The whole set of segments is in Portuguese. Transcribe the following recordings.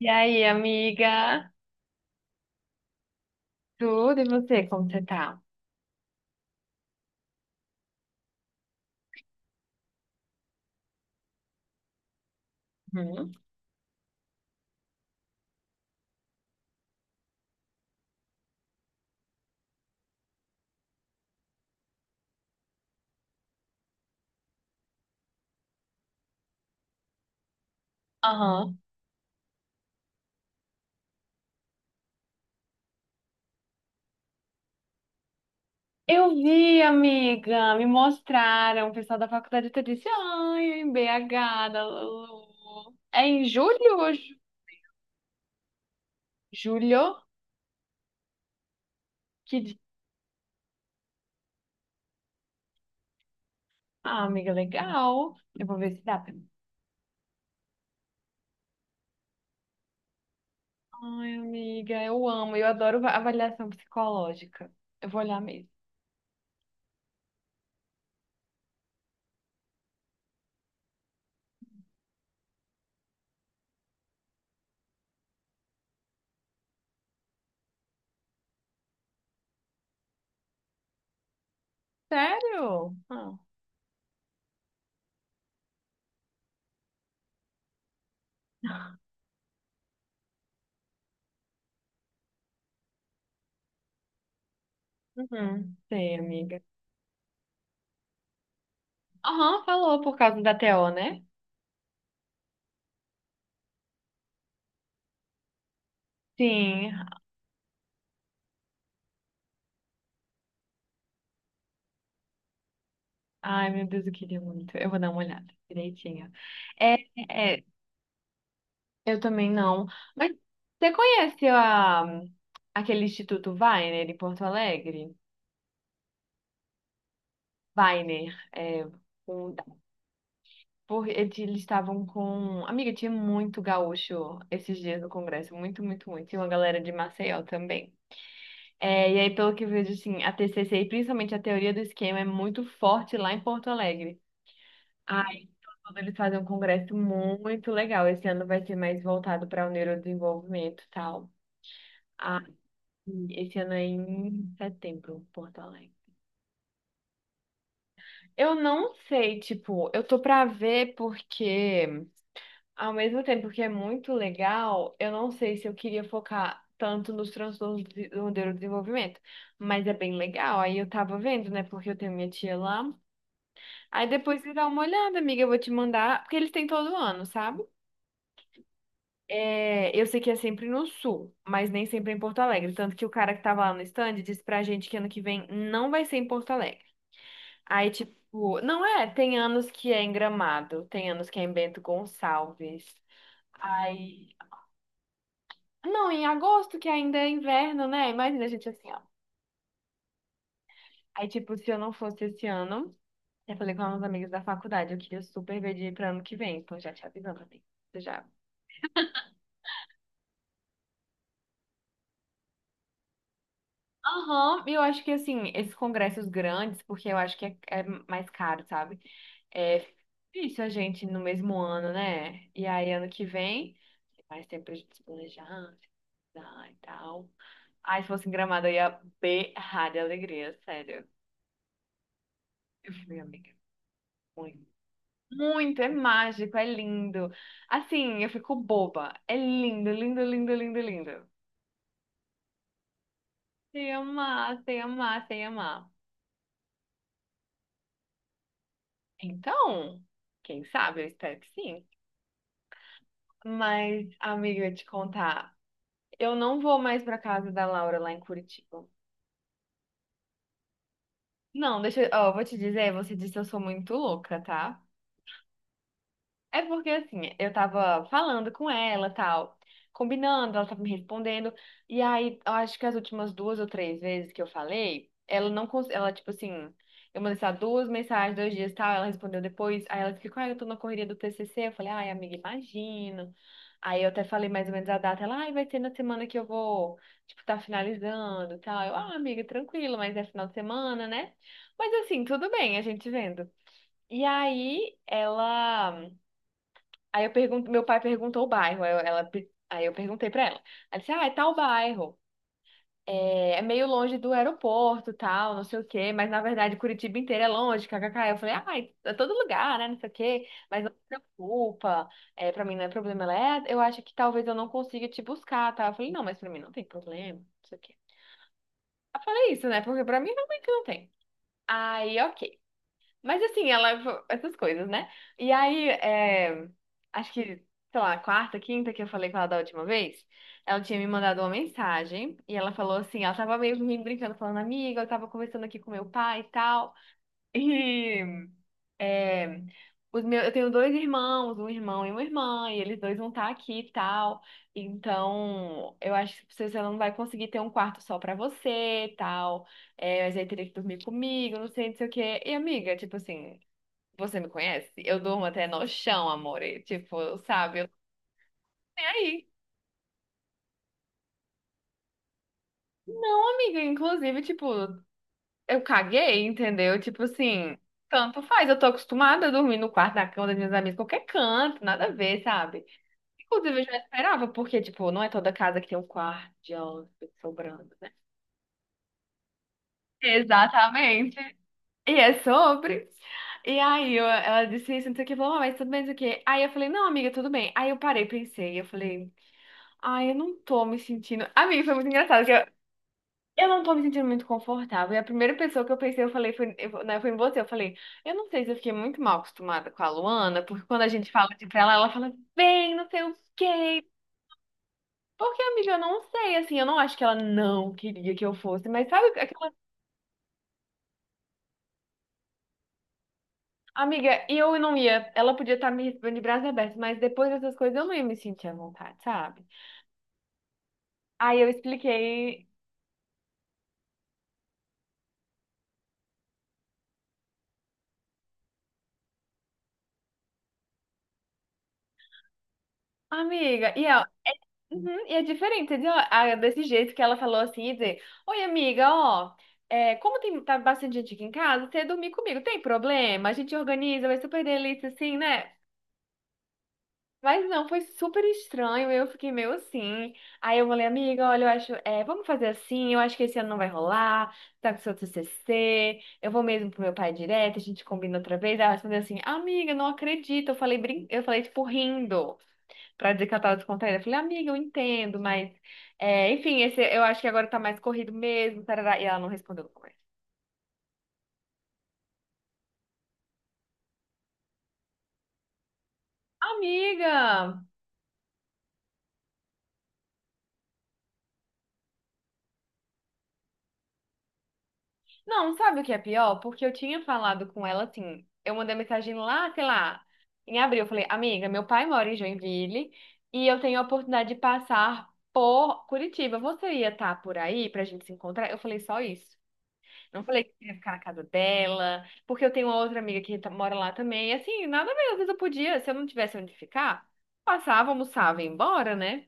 E aí, amiga? Tudo e você, como você tá? Uhum. Aham. Eu vi, amiga, me mostraram, o pessoal da faculdade até disse, ai, em BH, da Lulu. É em julho hoje? Julho? Que dia? Ah, amiga, legal. Eu vou ver se dá pra mim. Ai, amiga, eu amo, eu adoro avaliação psicológica. Eu vou olhar mesmo. Sério? Ah. Uhum. Sei, amiga. Aham, falou por causa da TO, né? Sim. Ai, meu Deus, eu queria muito. Eu vou dar uma olhada direitinho. É, é, eu também não. Mas você conhece a, aquele Instituto Weiner em Porto Alegre? Weiner, um- eles estavam com... Amiga, tinha muito gaúcho esses dias no Congresso, muito, muito, muito. Tinha uma galera de Maceió também. É, e aí, pelo que eu vejo, assim, a TCC e principalmente a teoria do esquema é muito forte lá em Porto Alegre. Tudo, eles fazem um congresso muito legal. Esse ano vai ser mais voltado para o neurodesenvolvimento e tal. Ah, e esse ano é em setembro, Porto Alegre. Eu não sei, tipo, eu tô pra ver porque, ao mesmo tempo que é muito legal, eu não sei se eu queria focar tanto nos transtornos do neurodesenvolvimento. Mas é bem legal. Aí eu tava vendo, né? Porque eu tenho minha tia lá. Aí depois você dá uma olhada, amiga, eu vou te mandar, porque eles têm todo ano, sabe? É, eu sei que é sempre no sul, mas nem sempre é em Porto Alegre. Tanto que o cara que tava lá no stand disse pra gente que ano que vem não vai ser em Porto Alegre. Aí, tipo, não é, tem anos que é em Gramado, tem anos que é em Bento Gonçalves. Aí, não, em agosto, que ainda é inverno, né? Imagina a gente assim, ó. Aí, tipo, se eu não fosse esse ano, eu falei com alguns amigos da faculdade, eu queria super ver de ir pra ano que vem, então já te avisando, amigo. Você já... Aham, eu acho que assim, esses congressos grandes, porque eu acho que é mais caro, sabe? É difícil a gente no mesmo ano, né? E aí ano que vem, tem mais tempo pra gente se planejar, estudar e tal. Aí se fosse em Gramado, eu ia berrar de alegria, sério. Eu fui, amiga, muito. Muito, é mágico, é lindo. Assim, eu fico boba. É lindo, lindo, lindo, lindo, lindo. Sei amar, sei amar, sei amar. Então, quem sabe, eu espero que sim. Mas, amiga, eu te contar, eu não vou mais pra casa da Laura lá em Curitiba. Não, deixa, eu, ó, eu vou te dizer, você disse que eu sou muito louca, tá? É porque assim, eu tava falando com ela, tal, combinando, ela tava me respondendo, e aí eu acho que as últimas duas ou três vezes que eu falei, ela não conseguiu, ela tipo assim, eu mandei só duas mensagens, dois dias, tal, ela respondeu depois, aí ela ficou, ah, eu tô na correria do TCC, eu falei, ai, amiga, imagino. Aí eu até falei mais ou menos a data, ela, ai, vai ser na semana que eu vou, tipo, tá finalizando, tal. Eu, ah, amiga, tranquilo, mas é final de semana, né? Mas assim, tudo bem, a gente vendo. E aí, ela... Aí eu pergunto, meu pai perguntou o bairro, aí eu perguntei pra ela. Ela disse, ah, é tal bairro, é meio longe do aeroporto, tal, não sei o quê, mas na verdade Curitiba inteira é longe, kkk. Eu falei, ah, é todo lugar, né, não sei o quê, mas não se preocupa, é, pra mim não é problema. Ela, é, eu acho que talvez eu não consiga te buscar, tá? Eu falei, não, mas pra mim não tem problema, não sei o quê. Eu falei isso, né, porque pra mim realmente não tem. Aí, ok. Mas assim, ela... Essas coisas, né? E aí, é, acho que, sei lá, quarta, quinta que eu falei com ela da última vez, ela tinha me mandado uma mensagem e ela falou assim: ela tava meio rindo, brincando, falando, amiga, eu tava conversando aqui com meu pai e tal. E. É, os meus, eu tenho dois irmãos, um irmão e uma irmã, e eles dois vão estar aqui e tal. Então, eu acho que você não vai conseguir ter um quarto só pra você e tal. É, mas aí teria que dormir comigo, não sei, não sei o quê. E amiga, tipo assim. Você me conhece? Eu durmo até no chão, amore. Tipo, sabe? Eu... E aí? Não, amiga, inclusive, tipo, eu caguei, entendeu? Tipo assim, tanto faz. Eu tô acostumada a dormir no quarto da cama das minhas amigas, qualquer canto, nada a ver, sabe? Inclusive, eu já esperava, porque, tipo, não é toda casa que tem um quarto de hóspede sobrando, né? Exatamente. E é sobre. E ela disse isso, não sei o que, falou, "Ah, mas tudo bem, não sei o que." Aí eu falei, não, amiga, tudo bem. Aí eu parei, pensei, eu falei. Ai, eu não tô me sentindo. Amiga, foi muito engraçado, eu não tô me sentindo muito confortável. E a primeira pessoa que eu pensei, eu falei, foi, eu, né, foi em você. Eu falei, eu não sei se eu fiquei muito mal acostumada com a Luana, porque quando a gente fala de pra ela, ela fala, vem não sei o quê. Porque, amiga, eu não sei, assim, eu não acho que ela não queria que eu fosse, mas sabe aquela... Amiga, e eu não ia. Ela podia estar me recebendo de braços abertos, mas depois dessas coisas eu não ia me sentir à vontade, sabe? Aí eu expliquei. Amiga, e... Uhum, e é diferente, entendeu? Ah, é desse jeito que ela falou assim, e dizer, oi, amiga, ó, é, como tem, tá bastante gente aqui em casa, você dormir comigo, tem problema? A gente organiza, vai super delícia, assim, né? Mas não, foi super estranho. Eu fiquei meio assim. Aí eu falei, amiga, olha, eu acho, é, vamos fazer assim. Eu acho que esse ano não vai rolar. Tá com seu TCC. Eu vou mesmo pro meu pai direto. A gente combina outra vez. Ela respondeu assim, amiga, não acredito. Eu falei, brin... eu falei tipo rindo pra dizer que ela tava descontraída. Eu falei, amiga, eu entendo, mas é, enfim, esse, eu acho que agora tá mais corrido mesmo. Tarará. E ela não respondeu no começo. Amiga! Não, sabe o que é pior? Porque eu tinha falado com ela assim. Eu mandei mensagem lá, sei lá, em abril. Eu falei, amiga, meu pai mora em Joinville e eu tenho a oportunidade de passar por Curitiba. Você ia estar por aí pra gente se encontrar? Eu falei só isso. Não falei que ia ficar na casa dela, porque eu tenho uma outra amiga que mora lá também. E assim, nada mesmo. Às vezes eu podia, se eu não tivesse onde ficar, passava, almoçava e ia embora, né?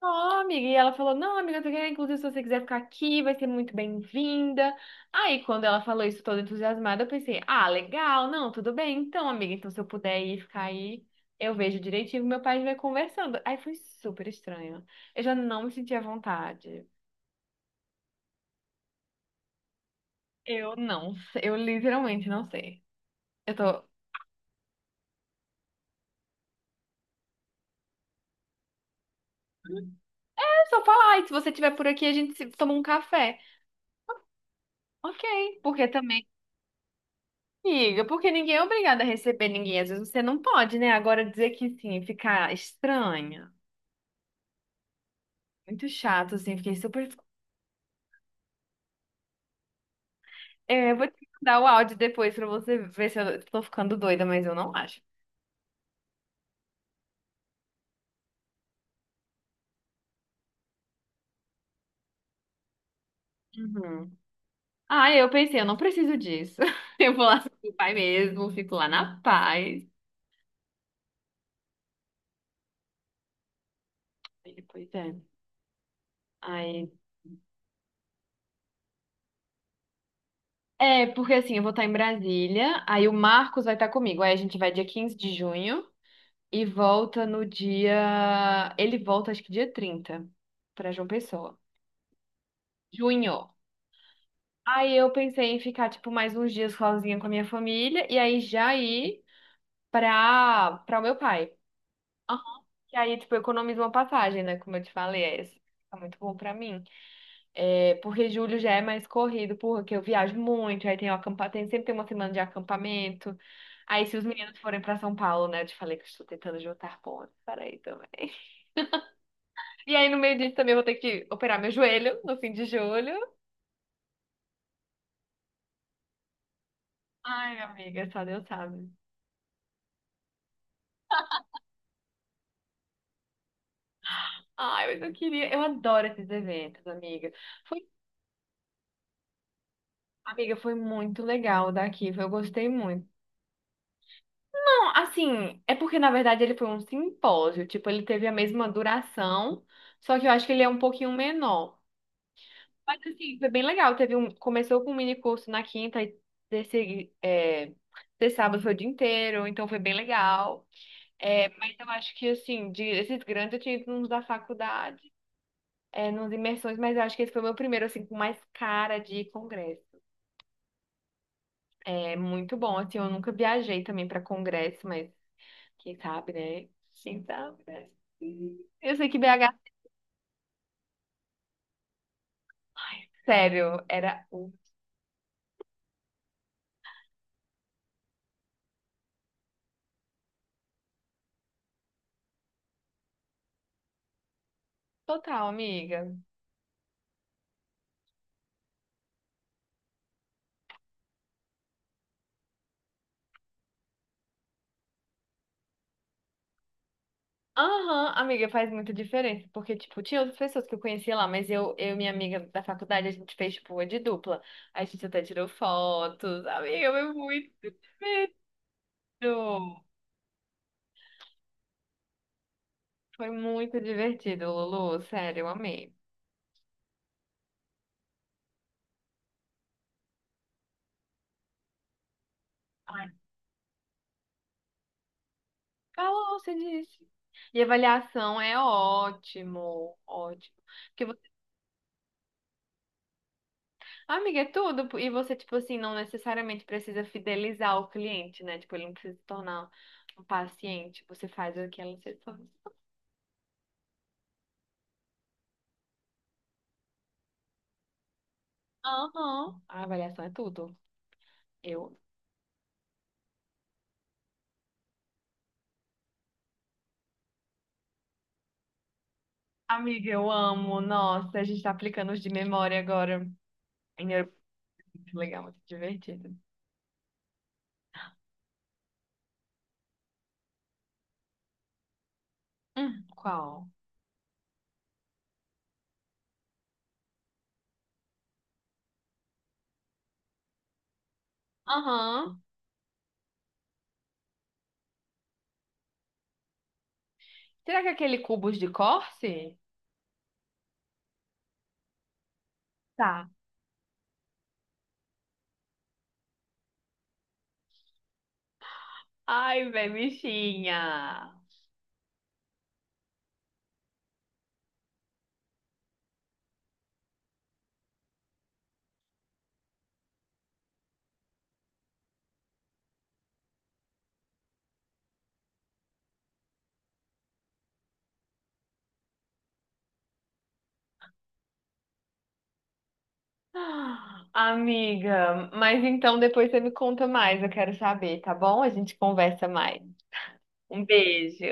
Ó, amiga, e ela falou, não, amiga, porque, inclusive, se você quiser ficar aqui, vai ser muito bem-vinda. Aí, quando ela falou isso toda entusiasmada, eu pensei, ah, legal, não, tudo bem, então, amiga, então se eu puder ir ficar aí, eu vejo direitinho, meu pai vai conversando. Aí foi super estranho. Eu já não me senti à vontade. Eu não, eu literalmente não sei. Eu tô, é só falar, e se você estiver por aqui, a gente se- toma um café. Ok, porque também... Amiga, porque ninguém é obrigado a receber ninguém. Às vezes você não pode, né? Agora dizer que sim, ficar estranha. Muito chato, assim. Fiquei super. É, eu vou te mandar o áudio depois pra você ver se eu tô ficando doida, mas eu não acho. Uhum. Ah, eu pensei, eu não preciso disso. Eu vou lá com o pai mesmo, fico lá na paz. Aí depois é. Aí. É, porque assim, eu vou estar em Brasília, aí o Marcos vai estar comigo. Aí a gente vai dia 15 de junho. E volta no dia. Ele volta, acho que dia 30 pra João Pessoa. Junho. Aí eu pensei em ficar, tipo, mais uns dias sozinha com a minha família e aí já ir pra o meu pai. Ah, e aí, tipo, eu economizo uma passagem, né? Como eu te falei, é isso. Tá muito bom pra mim. É, porque julho já é mais corrido, porque eu viajo muito, aí tem o acampa... tem, sempre tem uma semana de acampamento. Aí, se os meninos forem pra São Paulo, né? Eu te falei que eu estou tentando juntar pontos para aí também. E aí, no meio disso, também vou ter que operar meu joelho no fim de julho. Ai, amiga, só Deus sabe. Ai, mas eu queria. Eu adoro esses eventos, amiga. Foi, amiga, foi muito legal daqui. Eu gostei muito. Não, assim, é porque na verdade ele foi um simpósio. Tipo, ele teve a mesma duração, só que eu acho que ele é um pouquinho menor. Mas, assim, foi bem legal. Teve um, começou com um mini curso na quinta e desse, é, desse sábado foi o dia inteiro, então foi bem legal. É, mas eu acho que, assim, de, esses grandes eu tinha ido nos da faculdade, é, nos imersões, mas eu acho que esse foi o meu primeiro, assim, com mais cara de congresso. É muito bom, assim, eu nunca viajei também para congresso, mas quem sabe, né? Quem sabe, né? Eu sei que BH, sério, era o total, amiga. Aham, amiga, faz muita diferença, porque, tipo, tinha outras pessoas que eu conhecia lá, mas eu e minha amiga da faculdade, a gente fez, tipo, uma de dupla. A gente até tirou fotos, amiga, foi muito... Lu, foi muito divertido, Lulu. Sério, eu amei. Falou, você disse. E avaliação é ótimo, ótimo. Porque, você, amiga, é tudo. E você, tipo assim, não necessariamente precisa fidelizar o cliente, né? Tipo, ele não precisa se tornar um paciente. Você faz o que ela se torna. Aham. A avaliação é tudo. Eu. Amiga, eu amo. Nossa, a gente tá aplicando os de memória agora. Em neuro- muito legal, muito divertido. Qual? Aham. Será que é aquele cubos de Corse? Tá. Ai, velho, bichinha. Ah, amiga, mas então depois você me conta mais, eu quero saber, tá bom? A gente conversa mais. Um beijo.